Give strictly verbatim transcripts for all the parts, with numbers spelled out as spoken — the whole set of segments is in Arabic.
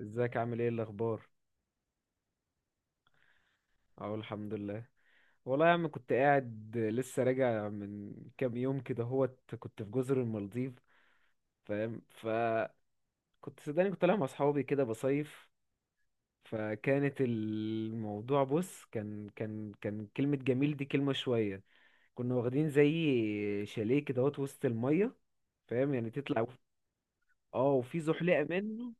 ازيك، عامل ايه، الاخبار؟ اهو الحمد لله. والله يا عم، كنت قاعد لسه راجع من كام يوم كده هوت. كنت في جزر المالديف. فاهم؟ فكنت صدقني كنت طالع مع اصحابي كده بصيف. فكانت الموضوع، بص، كان كان كان كلمة جميل دي، كلمة شوية. كنا واخدين زي شاليه كده هوت وسط المية. فاهم؟ يعني تطلع. اه، وفي زحليقة منه.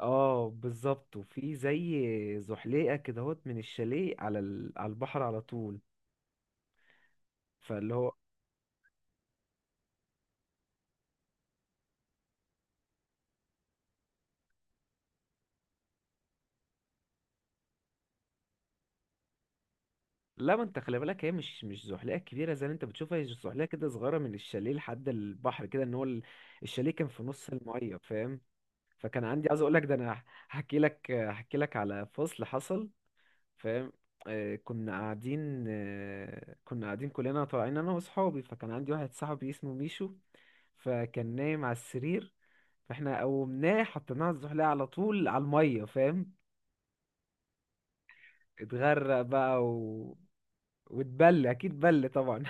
اه بالظبط، وفي زي زحليقه كده هوت من الشاليه على ال- على البحر على طول. فاللي هو، لا ما انت خلي بالك، هي مش مش زحليقه كبيره زي اللي انت بتشوفها. هي زحليقه كده صغيره من الشاليه لحد البحر كده، ان هو ال-. الشاليه كان في نص الميه، فاهم؟ فكان عندي، عايز اقول لك ده، انا هحكي لك هحكي لك على فصل حصل. فاهم؟ آه كنا قاعدين آه كنا قاعدين كلنا طالعين انا واصحابي. فكان عندي واحد صاحبي اسمه ميشو. فكان نايم على السرير. فاحنا قومناه، حطيناه على الزحليقه على طول على الميه. فاهم؟ اتغرق بقى، و... واتبل اكيد، بل طبعا.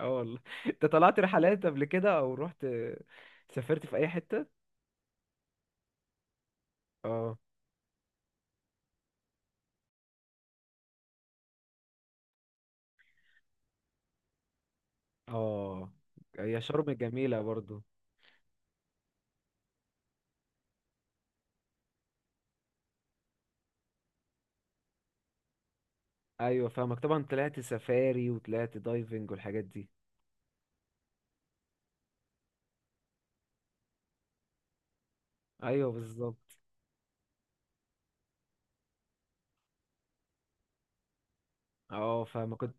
اه والله. انت طلعت رحلات قبل كده؟ او رحت، سافرت في اي حتة؟ اه. اه. هي شرم جميلة برضو. ايوه فاهمك، طبعا طلعت سفاري وطلعت دايفنج والحاجات دي. ايوه بالظبط. اه فاهمك كنت.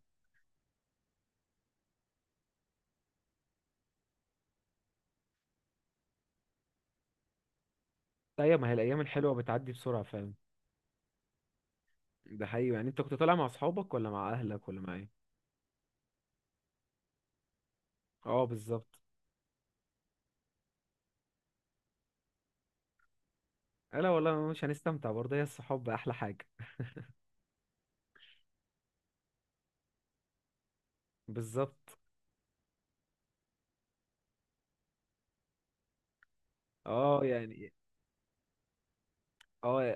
ايوه، ما هي الايام الحلوة بتعدي بسرعة. فاهم؟ ده حقيقي. يعني انت كنت طالع مع اصحابك، ولا مع اهلك، ولا مع ايه؟ اه بالظبط. لا والله، مش هنستمتع برضه. هي الصحاب احلى حاجة. بالظبط. اه يعني. اه،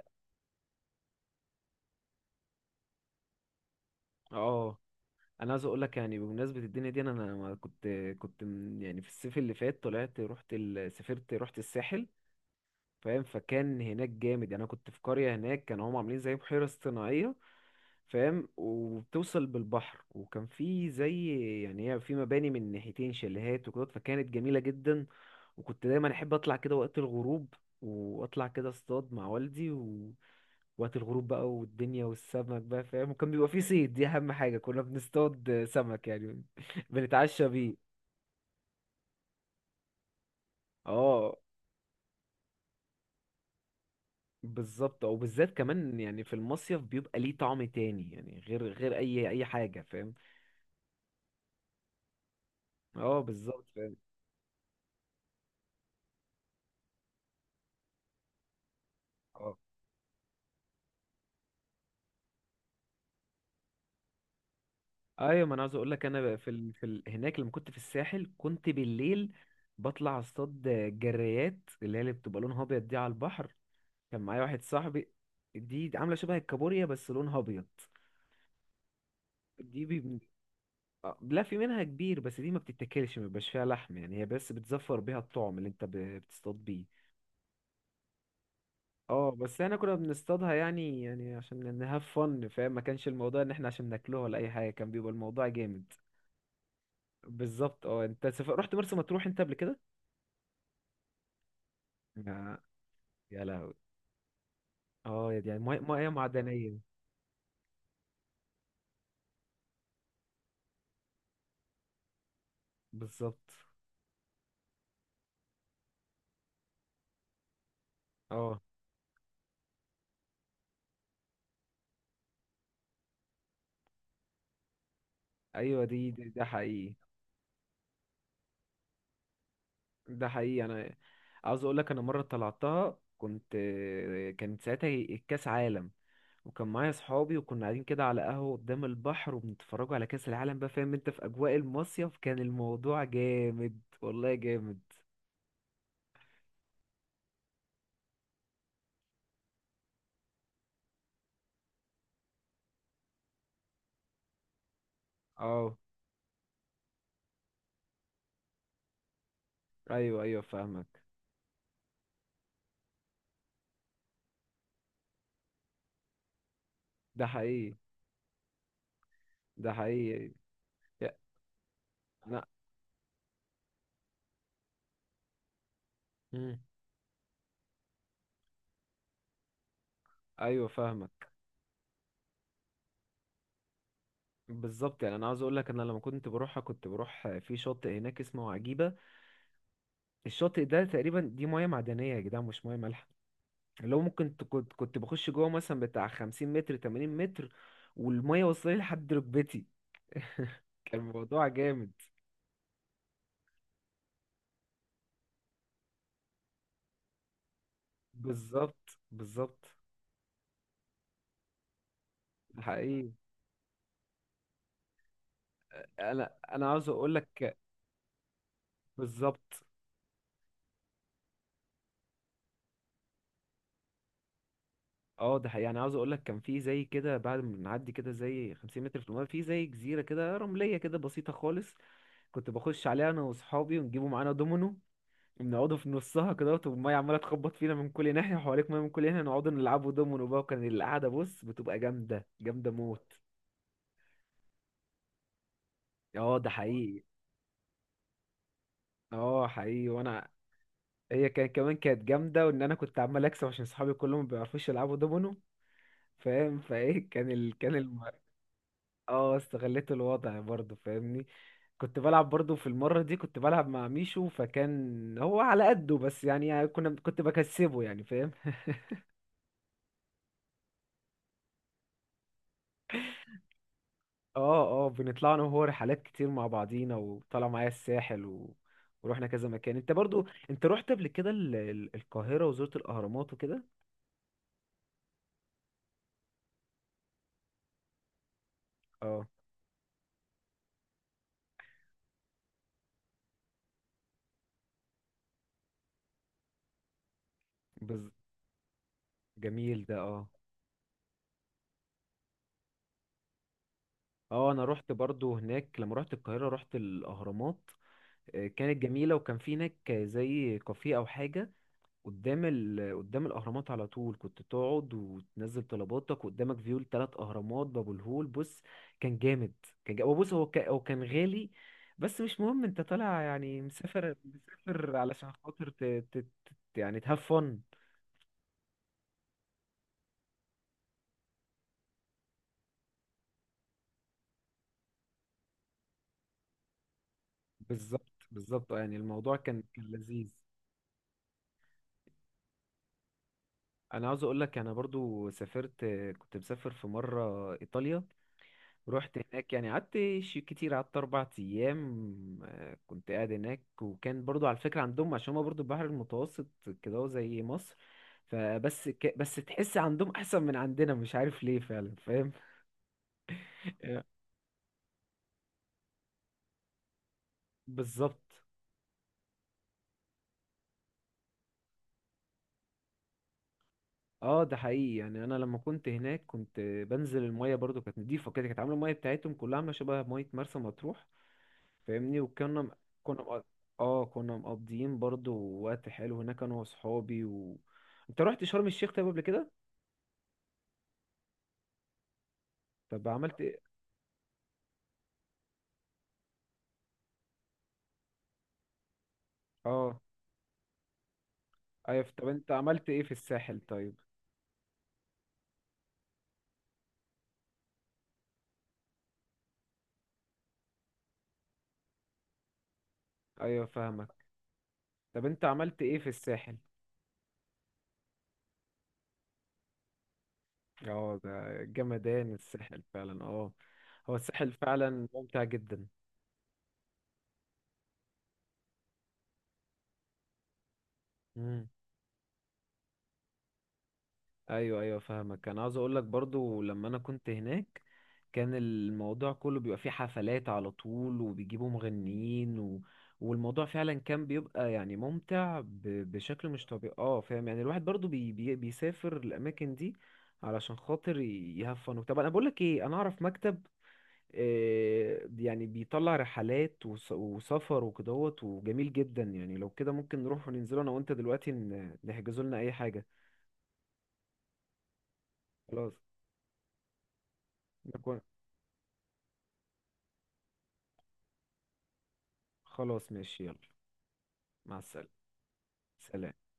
اه. انا عايز اقول لك، يعني بمناسبه الدنيا دي، انا أنا ما كنت. كنت من- يعني في الصيف اللي فات طلعت، رحت ال... سافرت رحت الساحل. فاهم؟ فكان هناك جامد. يعني انا كنت في قريه هناك، كانوا هم عاملين زي بحيره اصطناعيه. فاهم؟ وبتوصل بالبحر، وكان في زي، يعني هي في مباني من ناحيتين شاليهات وكده، فكانت جميلة جدا. وكنت دايما احب اطلع كده وقت الغروب. واطلع كده اصطاد مع والدي. و... وقت الغروب بقى، والدنيا، والسمك بقى، فاهم؟ وكان بيبقى في صيد، دي اهم حاجة، كنا بنصطاد سمك يعني بنتعشى بيه. اه بالظبط، او بالذات كمان، يعني في المصيف بيبقى ليه طعم تاني، يعني غير غير اي اي حاجة. فاهم؟ اه بالظبط، فاهم. اه ايوه، ما انا عاوز اقول لك، انا بقى في ال... في ال... هناك لما كنت في الساحل، كنت بالليل بطلع اصطاد جريات، اللي هي اللي بتبقى لونها ابيض دي على البحر. كان معايا واحد صاحبي. دي عامله شبه الكابوريا بس لونها ابيض. دي بي... آه، لا في منها كبير، بس دي ما بتتاكلش، ما بيبقاش فيها لحم يعني. هي بس بتزفر بيها الطعم، اللي انت ب... بتصطاد بيه. اه، بس احنا كنا بنصطادها يعني، يعني عشان نهاف فن، فاهم؟ ما كانش الموضوع ان احنا عشان ناكلوها ولا اي حاجه، كان بيبقى الموضوع جامد. بالظبط، اه. انت سف... رحت مرسى مطروح انت قبل كده؟ يا يا لهوي. اه يعني ميه، ميه معدنيه. بالظبط، اه. ايوه، دي دي- ده حقيقي. ده حقيقي، انا عاوز اقول لك، انا مره طلعتها كنت. كانت ساعتها الكاس عالم. وكان معايا صحابي، وكنا قاعدين كده على قهوه قدام البحر، وبنتفرجوا على كاس العالم بقى. فاهم؟ انت في اجواء المصيف، كان الموضوع جامد، والله جامد. اه ايوه، ايوه فاهمك. ده حقيقي. ده حقيقي. يا- لا. مم. ايوه فاهمك، بالظبط. يعني انا عاوز اقول لك، انا لما كنت بروحها، كنت بروح في شاطئ هناك اسمه عجيبه. الشاطئ ده تقريبا، دي ميه معدنيه يا جدعان، مش ميه مالحه. اللي هو ممكن ت- كنت كنت بخش جوه مثلا بتاع 50 متر، 80 متر. والميه وصلت لي لحد ركبتي. كان الموضوع جامد. بالظبط، بالظبط. ده حقيقي، انا انا عاوز اقول لك. بالظبط. اه ده حقيقي يعني، عاوز اقول لك، كان في زي كده بعد ما بنعدي كده زي 50 متر في الميه، في زي جزيره كده رمليه كده بسيطه خالص. كنت بخش عليها انا واصحابي، ونجيبوا معانا دومينو، ونقعدوا في نصها كده، والميه عماله تخبط فينا من كل ناحيه، وحواليك ميه من كل ناحيه. نقعدوا نلعبوا دومينو بقى. وكان القعده، بص، بتبقى جامده جامده موت. اه ده حقيقي. اه حقيقي وانا، هي كان كمان كانت جامده، وان انا كنت عمال اكسب عشان صحابي كلهم ما بيعرفوش يلعبوا دومينو. فاهم؟ فايه كان ال... كان الم.... اه استغليت الوضع برضو، فاهمني. كنت بلعب برضو، في المرة دي كنت بلعب مع ميشو، فكان هو على قده بس يعني، يعني كنا كنت بكسبه يعني. فاهم؟ اه، اه. بنطلع انا وهو رحلات كتير مع بعضينا، وطلع معايا الساحل. و... ورحنا كذا مكان. انت برضو، انت رحت قبل كده ال... ال- القاهرة، وزرت الاهرامات وكده. اه بز... جميل ده، اه. اه، انا رحت برضو هناك، لما رحت القاهرة رحت الاهرامات. آه، كانت جميلة. وكان في هناك زي كافيه او حاجة قدام ال... قدام الاهرامات على طول. كنت تقعد وتنزل طلباتك قدامك، فيو التلات اهرامات، باب الهول، بص، كان جامد. كان جامد، بص. هو كان... هو كان غالي. بس مش مهم، انت طالع يعني، مسافر. مسافر علشان خاطر ت... ت... ت... يعني تهاف فن. بالظبط، بالظبط. آه، يعني الموضوع كان كان لذيذ. انا عاوز اقول لك، انا برضو سافرت. كنت مسافر في مره ايطاليا. رحت هناك يعني، قعدت ش- كتير، قعدت أربع أيام. آه، كنت قاعد هناك. وكان برضو على فكرة عندهم، عشان هما برضو البحر المتوسط كده، هو زي مصر. فبس ك... بس تحس عندهم أحسن من عندنا، مش عارف ليه فعلا. فاهم؟ بالظبط، اه. ده حقيقي يعني، انا لما كنت هناك كنت بنزل المية، برضو كانت نضيفة كده، كانت عاملة المية بتاعتهم كلها عاملة شبه مية مرسى مطروح. فاهمني؟ وكنا كنا مق- اه كنا مقضيين برضو وقت حلو هناك، انا واصحابي. و... انت رحت شرم الشيخ طيب قبل كده؟ طب عملت ايه؟ اه ايوه. طب انت عملت ايه في الساحل طيب؟ ايوه فاهمك. طب انت عملت ايه في الساحل؟ اه، ده جمدان الساحل فعلا. اه، هو الساحل فعلا ممتع جدا. ايوه، ايوه فاهمك. انا عاوز اقول لك، برضو لما انا كنت هناك، كان الموضوع كله بيبقى فيه حفلات على طول، وبيجيبوا مغنيين. و... والموضوع فعلا كان بيبقى يعني ممتع ب... بشكل مش طبيعي. اه فاهم، يعني الواحد برضو بي... بي... بيسافر الاماكن دي علشان خاطر ي- يهفن. طب انا بقول لك ايه، انا اعرف مكتب، آه، يعني بيطلع رحلات وس... وسفر وكدهوت، وجميل جدا يعني. لو كده ممكن نروح وننزله انا وانت دلوقتي، ن... نحجزوا لنا اي حاجة. خلاص. خلاص ماشي، يلا. مع السلامة. سلام.